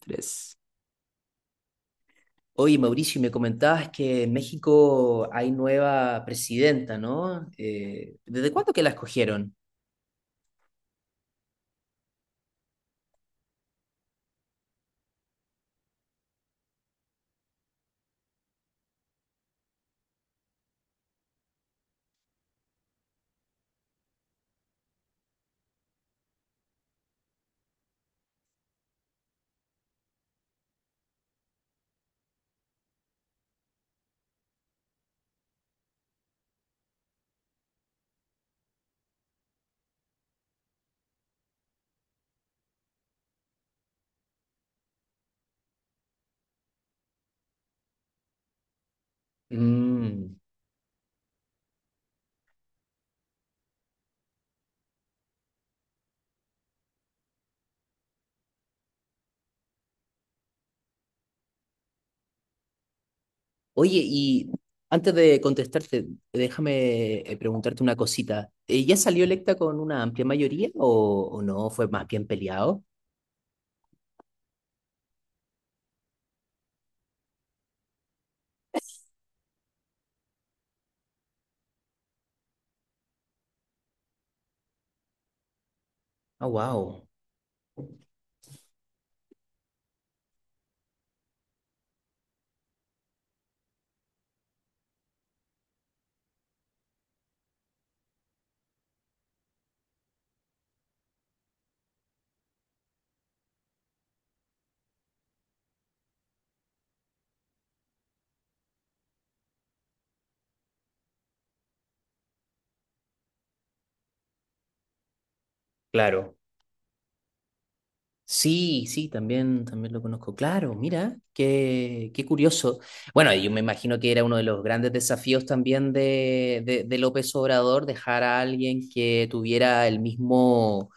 Tres. Oye, Mauricio, y me comentabas que en México hay nueva presidenta, ¿no? ¿Desde cuándo que la escogieron? Mm. Oye, y antes de contestarte, déjame preguntarte una cosita. ¿Ya salió electa con una amplia mayoría o no? ¿Fue más bien peleado? Ah, wow. Claro. Sí, sí, también lo conozco. Claro, mira, qué curioso. Bueno, yo me imagino que era uno de los grandes desafíos también de López Obrador, dejar a alguien que tuviera el mismo,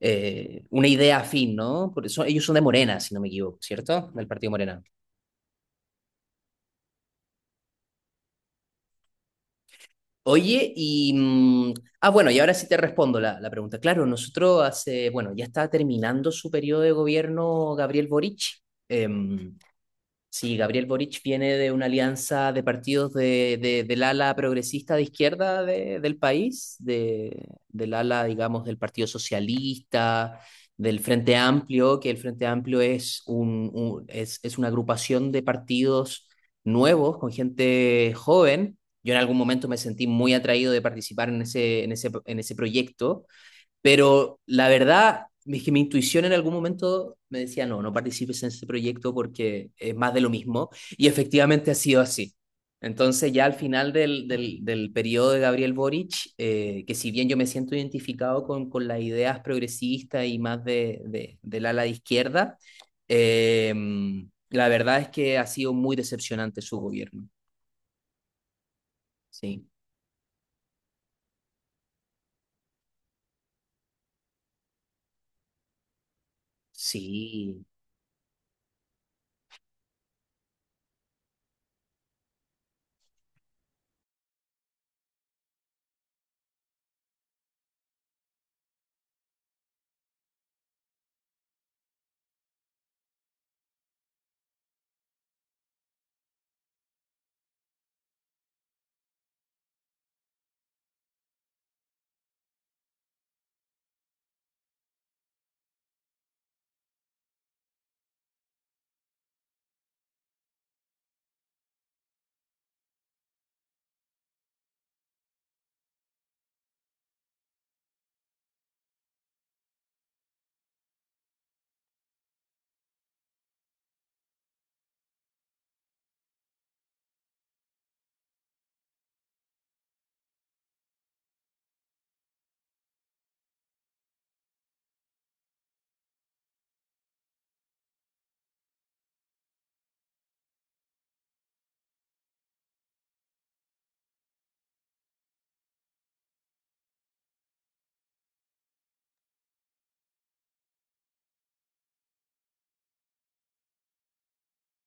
una idea afín, ¿no? Por eso ellos son de Morena, si no me equivoco, ¿cierto? Del Partido Morena. Oye, y, ah, bueno, y ahora sí te respondo la pregunta. Claro, nosotros hace, bueno, ya está terminando su periodo de gobierno Gabriel Boric. Em, Sí, Gabriel Boric viene de una alianza de partidos del ala progresista de izquierda del país, del ala, digamos, del Partido Socialista, del Frente Amplio, que el Frente Amplio es, un- es una agrupación de partidos nuevos con gente joven. Yo en algún momento me sentí muy atraído de participar en ese proyecto, pero la verdad es que mi intuición en algún momento me decía, no, no participes en ese proyecto porque es más de lo mismo. Y efectivamente ha sido así. Entonces ya al final del periodo de Gabriel Boric, que si bien yo me siento identificado con las ideas progresistas y más del ala de izquierda, eh, la verdad es que ha sido muy decepcionante su gobierno. Sí, sí.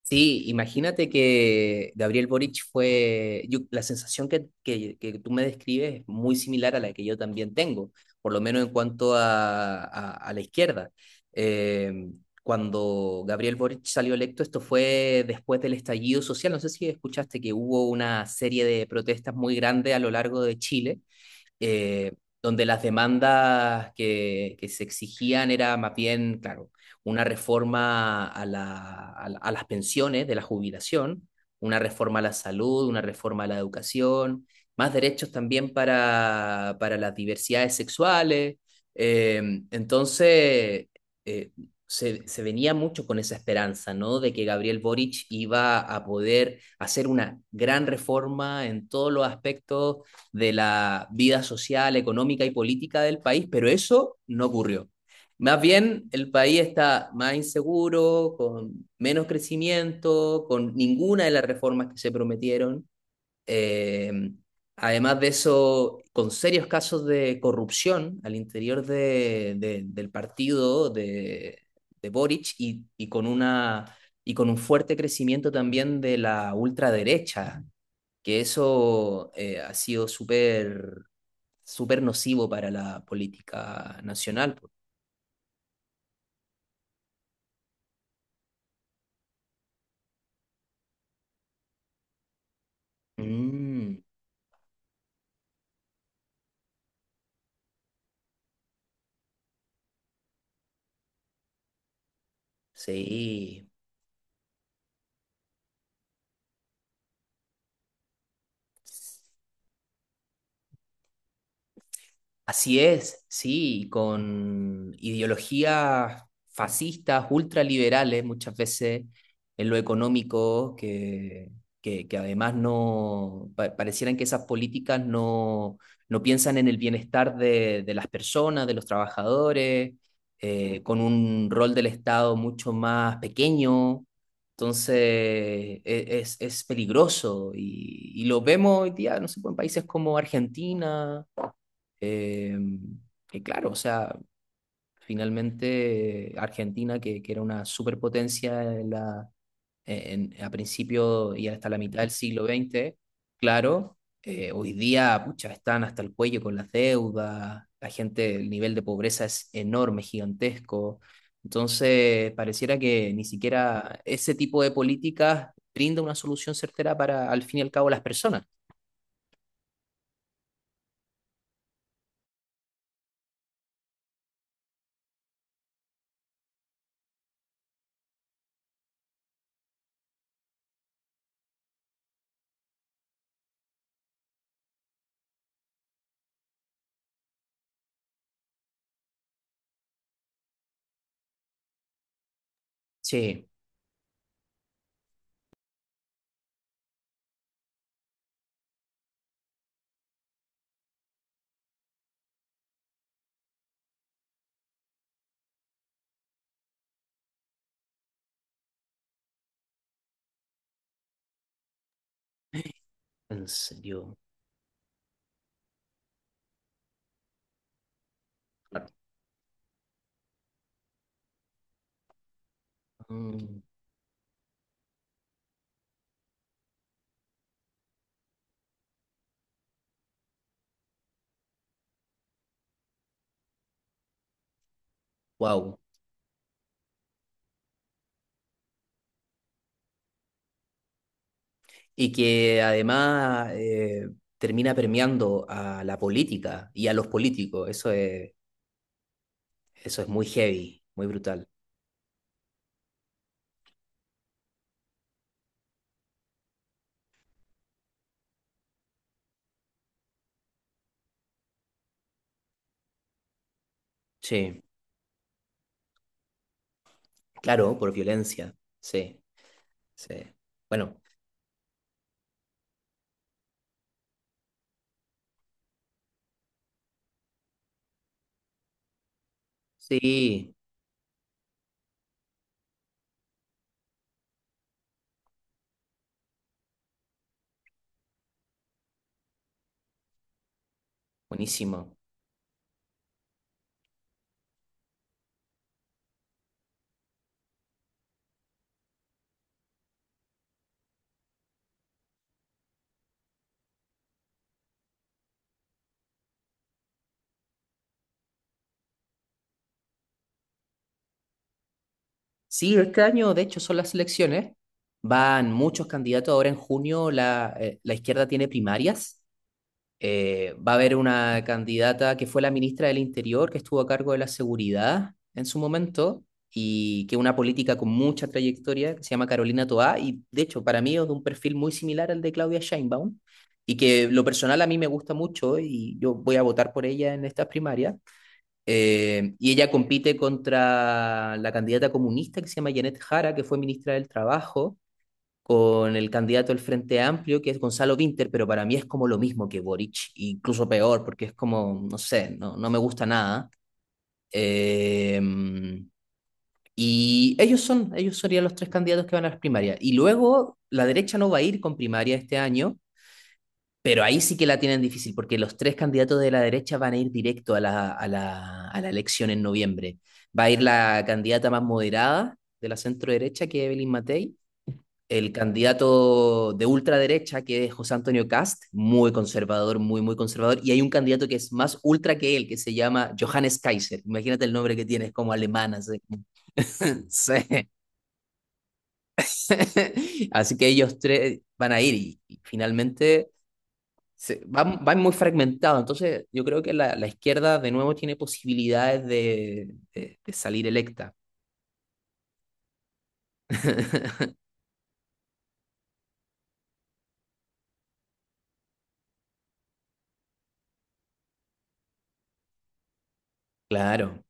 Sí, imagínate que Gabriel Boric la sensación que tú me describes es muy similar a la que yo también tengo, por lo menos en cuanto a la izquierda. Eh, Cuando Gabriel Boric salió electo, esto fue después del estallido social, no sé si escuchaste que hubo una serie de protestas muy grandes a lo largo de Chile, eh, donde las demandas que se exigían era más bien, claro, una reforma a las pensiones de la jubilación, una reforma a la salud, una reforma a la educación, más derechos también para las diversidades sexuales. Eh, entonces, eh, se venía mucho con esa esperanza, ¿no? De que Gabriel Boric iba a poder hacer una gran reforma en todos los aspectos de la vida social, económica y política del país, pero eso no ocurrió. Más bien, el país está más inseguro, con menos crecimiento, con ninguna de las reformas que se prometieron. Eh, Además de eso, con serios casos de corrupción al interior del partido de Boric, y con un fuerte crecimiento también de la ultraderecha, que eso ha sido súper súper nocivo para la política nacional, po. Mm, sí. Así es, sí, con ideologías fascistas, ultraliberales muchas veces en lo económico, que además no pa- parecieran que esas políticas no, no piensan en el bienestar de las personas, de los trabajadores, con un rol del Estado mucho más pequeño. Entonces, es peligroso, y lo vemos hoy día, no sé, pues, en países como Argentina, eh, y claro, o sea, finalmente Argentina, que era una superpotencia a principio y hasta la mitad del siglo XX, claro, hoy día, pucha, están hasta el cuello con las deudas, la gente, el nivel de pobreza es enorme, gigantesco. Entonces, pareciera que ni siquiera ese tipo de políticas brinda una solución certera para, al fin y al cabo, las personas. Sí, en serio. Wow, y que además termina permeando a la política y a los políticos. Eso es muy heavy, muy brutal. Sí, claro, por violencia. Sí, sí. Bueno, sí, buenísimo. Sí, este año, de hecho, son las elecciones. Van muchos candidatos. Ahora en junio la izquierda tiene primarias. Va a haber una candidata que fue la ministra del Interior, que estuvo a cargo de la seguridad en su momento, y que es una política con mucha trayectoria, que se llama Carolina Toá, y de hecho para mí es de un perfil muy similar al de Claudia Sheinbaum, y que lo personal a mí me gusta mucho, y yo voy a votar por ella en estas primarias. Y ella compite contra la candidata comunista que se llama Janet Jara, que fue ministra del Trabajo, con el candidato del Frente Amplio, que es Gonzalo Vinter, pero para mí es como lo mismo que Boric, incluso peor, porque es como, no sé, no, no me gusta nada. Eh, y ellos serían los tres candidatos que van a las primarias. Y luego la derecha no va a ir con primaria este año, pero ahí sí que la tienen difícil, porque los tres candidatos de la derecha van a ir directo a la elección en noviembre. Va a ir la candidata más moderada de la centro derecha, que es Evelyn Matei, el candidato de ultraderecha, que es José Antonio Cast, muy conservador, muy, muy conservador, y hay un candidato que es más ultra que él, que se llama Johannes Kaiser. Imagínate el nombre que tiene, es como alemán, así. Sí. Así que ellos tres van a ir y finalmente van muy fragmentados. Entonces, yo creo que la izquierda de nuevo tiene posibilidades de salir electa. Claro.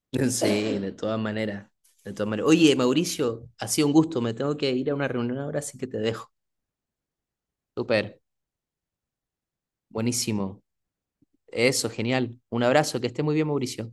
Sí, de todas maneras, de todas maneras. Oye, Mauricio, ha sido un gusto, me tengo que ir a una reunión ahora, así que te dejo. Súper, buenísimo. Eso, genial. Un abrazo, que esté muy bien, Mauricio.